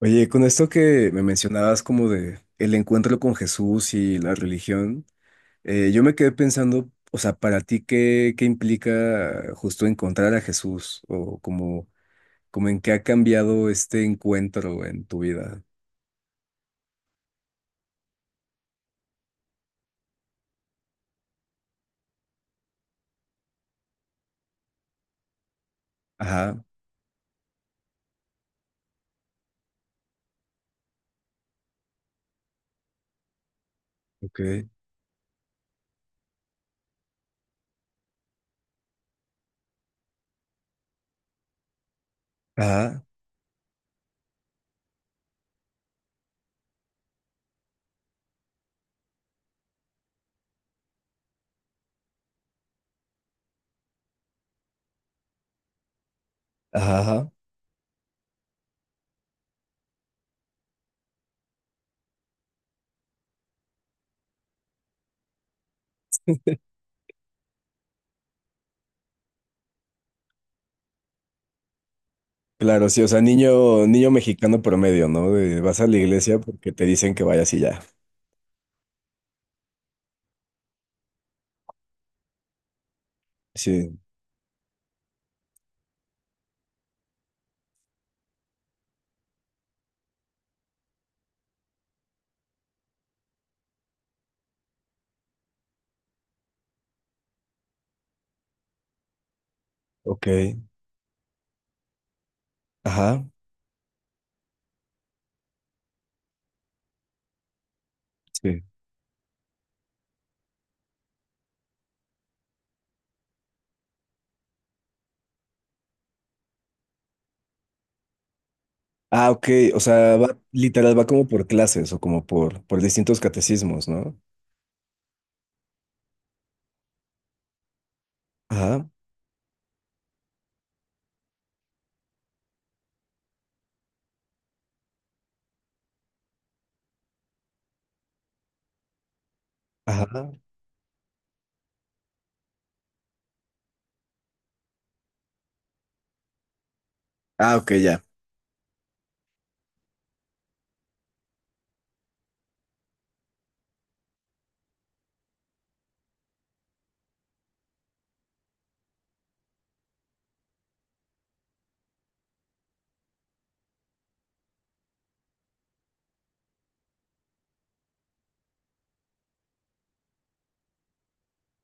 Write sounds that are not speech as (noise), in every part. Oye, con esto que me mencionabas como de el encuentro con Jesús y la religión, yo me quedé pensando, o sea, para ti, ¿qué implica justo encontrar a Jesús? O como, como en qué ha cambiado este encuentro en tu vida. Ajá, ok. Ajá, ajá, ajá. Claro, sí, o sea, niño mexicano promedio, ¿no? De vas a la iglesia porque te dicen que vayas y ya. Sí, ok. Ajá. Sí. Ah, ok. O sea, va, literal va como por clases o como por distintos catecismos, ¿no? Ajá, ajá. Ah, ok, ya.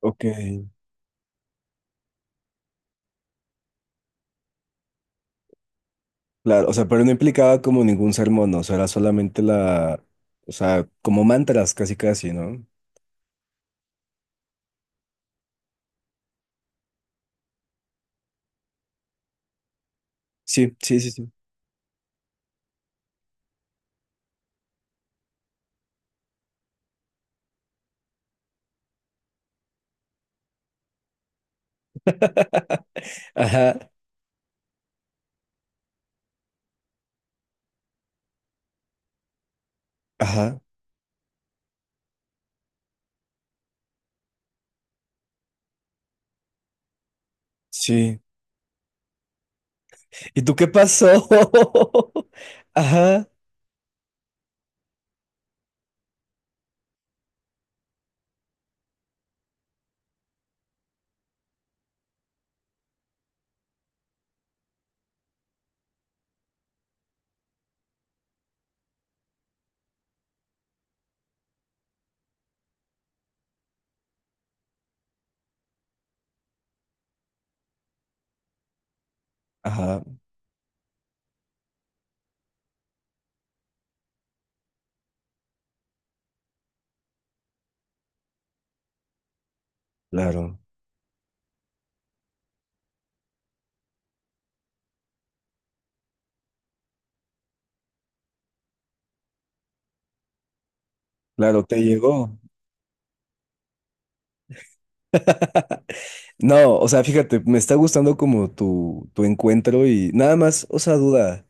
Ok. Claro, o sea, pero no implicaba como ningún sermón, ¿no? O sea, era solamente la, o sea, como mantras casi casi, ¿no? Sí, sí, sí, sí. (laughs) Ajá, ajá, sí. ¿Y tú qué pasó? (laughs) Ajá, ajá, claro, claro, te llegó. No, o sea, fíjate, me está gustando como tu encuentro y nada más, o sea, duda.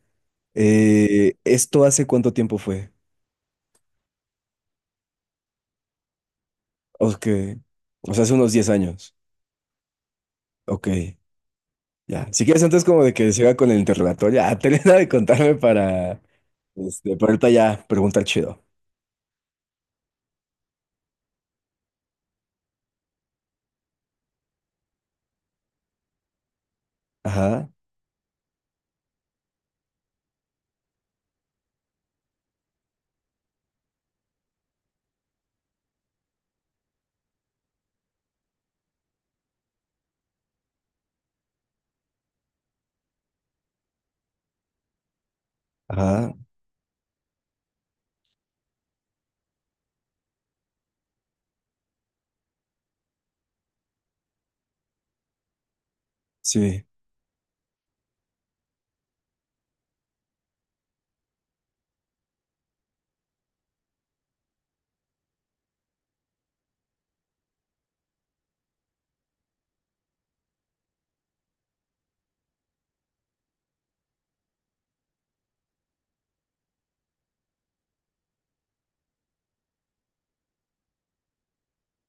¿Esto hace cuánto tiempo fue? Ok. O sea, hace unos 10 años. Ok, ya. Si quieres, antes como de que siga con el interrogatorio, ya, (laughs) termina de contarme para, este, para ahorita ya preguntar chido. Ajá, ajá, sí,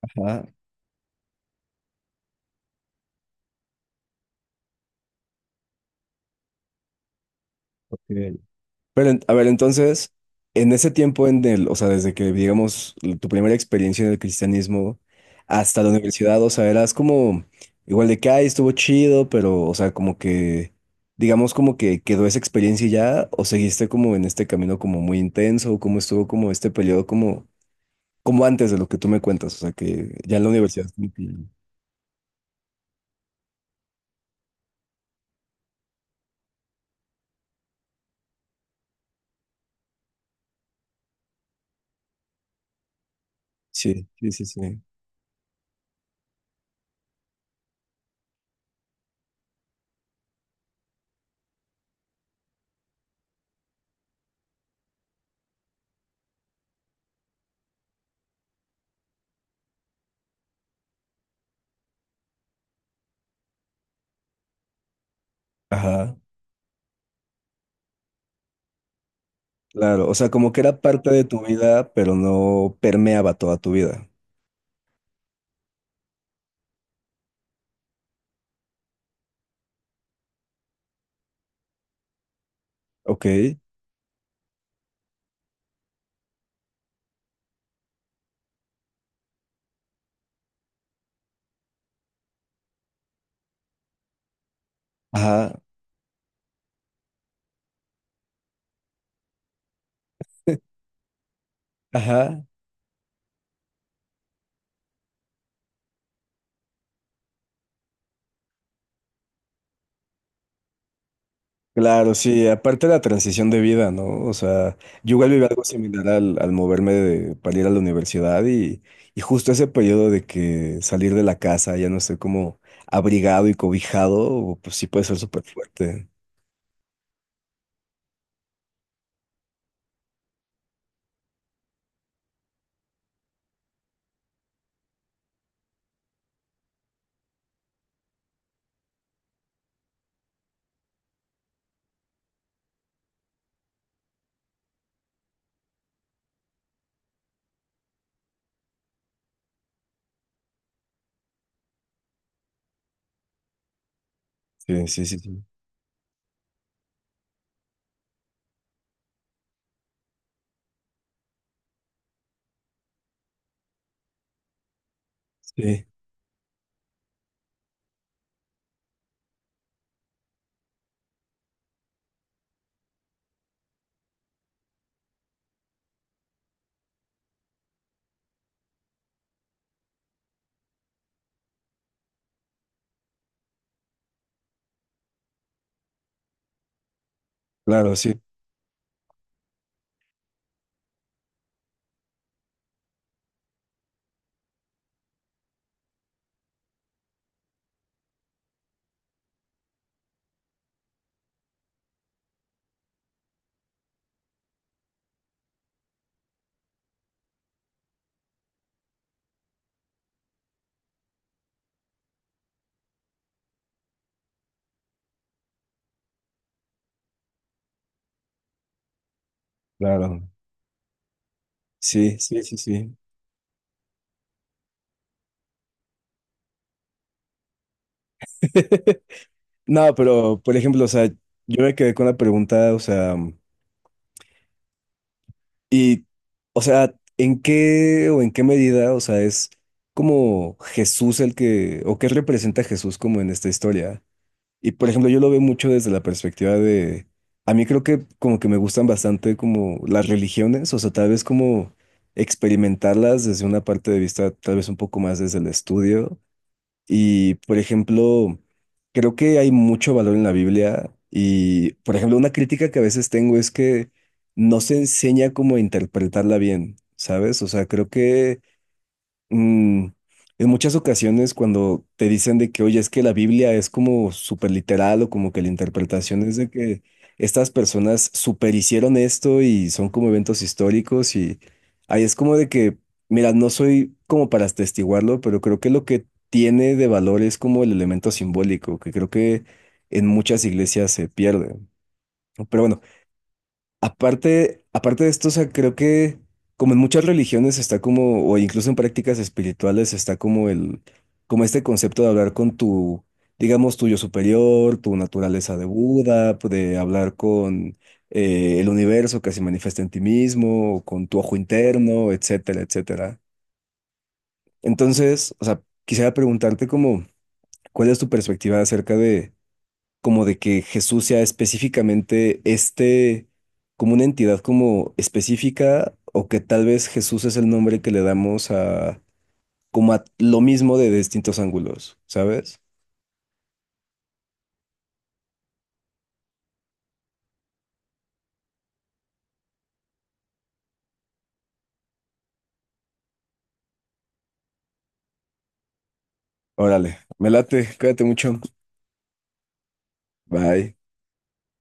ajá, ok. Pero, a ver, entonces, en ese tiempo en el, o sea, desde que, digamos, tu primera experiencia en el cristianismo hasta la universidad, o sea, eras como, igual de que, ay, estuvo chido, pero, o sea, como que, digamos, como que quedó esa experiencia y ya, o seguiste como en este camino como muy intenso, o cómo estuvo como este periodo como, como antes de lo que tú me cuentas, o sea, que ya en la universidad. Como que... Sí, sí, sí, sí. Ajá, claro, o sea, como que era parte de tu vida, pero no permeaba toda tu vida. Ok. Ajá, ajá, claro, sí, aparte la transición de vida, ¿no? O sea, yo igual viví algo similar al, al para ir a la universidad y justo ese periodo de que salir de la casa ya no estoy como abrigado y cobijado, pues sí puede ser súper fuerte. Sí, sí, sí, sí. Sí, claro, sí, claro. Sí, sí, sí, sí. (laughs) No, pero, por ejemplo, o sea, yo me quedé con la pregunta, o sea... Y, o sea, ¿en qué o en qué medida, o sea, es como Jesús el que, o qué representa Jesús como en esta historia? Y, por ejemplo, yo lo veo mucho desde la perspectiva de, a mí creo que como que me gustan bastante como las religiones, o sea, tal vez como experimentarlas desde una parte de vista, tal vez un poco más desde el estudio. Y, por ejemplo, creo que hay mucho valor en la Biblia y, por ejemplo, una crítica que a veces tengo es que no se enseña cómo interpretarla bien, ¿sabes? O sea, creo que Mm, en muchas ocasiones cuando te dicen de que, oye, es que la Biblia es como súper literal o como que la interpretación es de que estas personas superhicieron esto y son como eventos históricos y ahí es como de que, mira, no soy como para atestiguarlo, pero creo que lo que tiene de valor es como el elemento simbólico, que creo que en muchas iglesias se pierde. Pero bueno, aparte, aparte de esto, o sea, creo que como en muchas religiones está como, o incluso en prácticas espirituales está como el, como este concepto de hablar con tu, digamos, tu yo superior, tu naturaleza de Buda, pues, de hablar con el universo que se manifiesta en ti mismo, o con tu ojo interno, etcétera, etcétera. Entonces, o sea, quisiera preguntarte como, ¿cuál es tu perspectiva acerca de como de que Jesús sea específicamente este, como una entidad como específica, o que tal vez Jesús es el nombre que le damos a, como a lo mismo de distintos ángulos, ¿sabes? Órale, me late, cuídate mucho. Bye.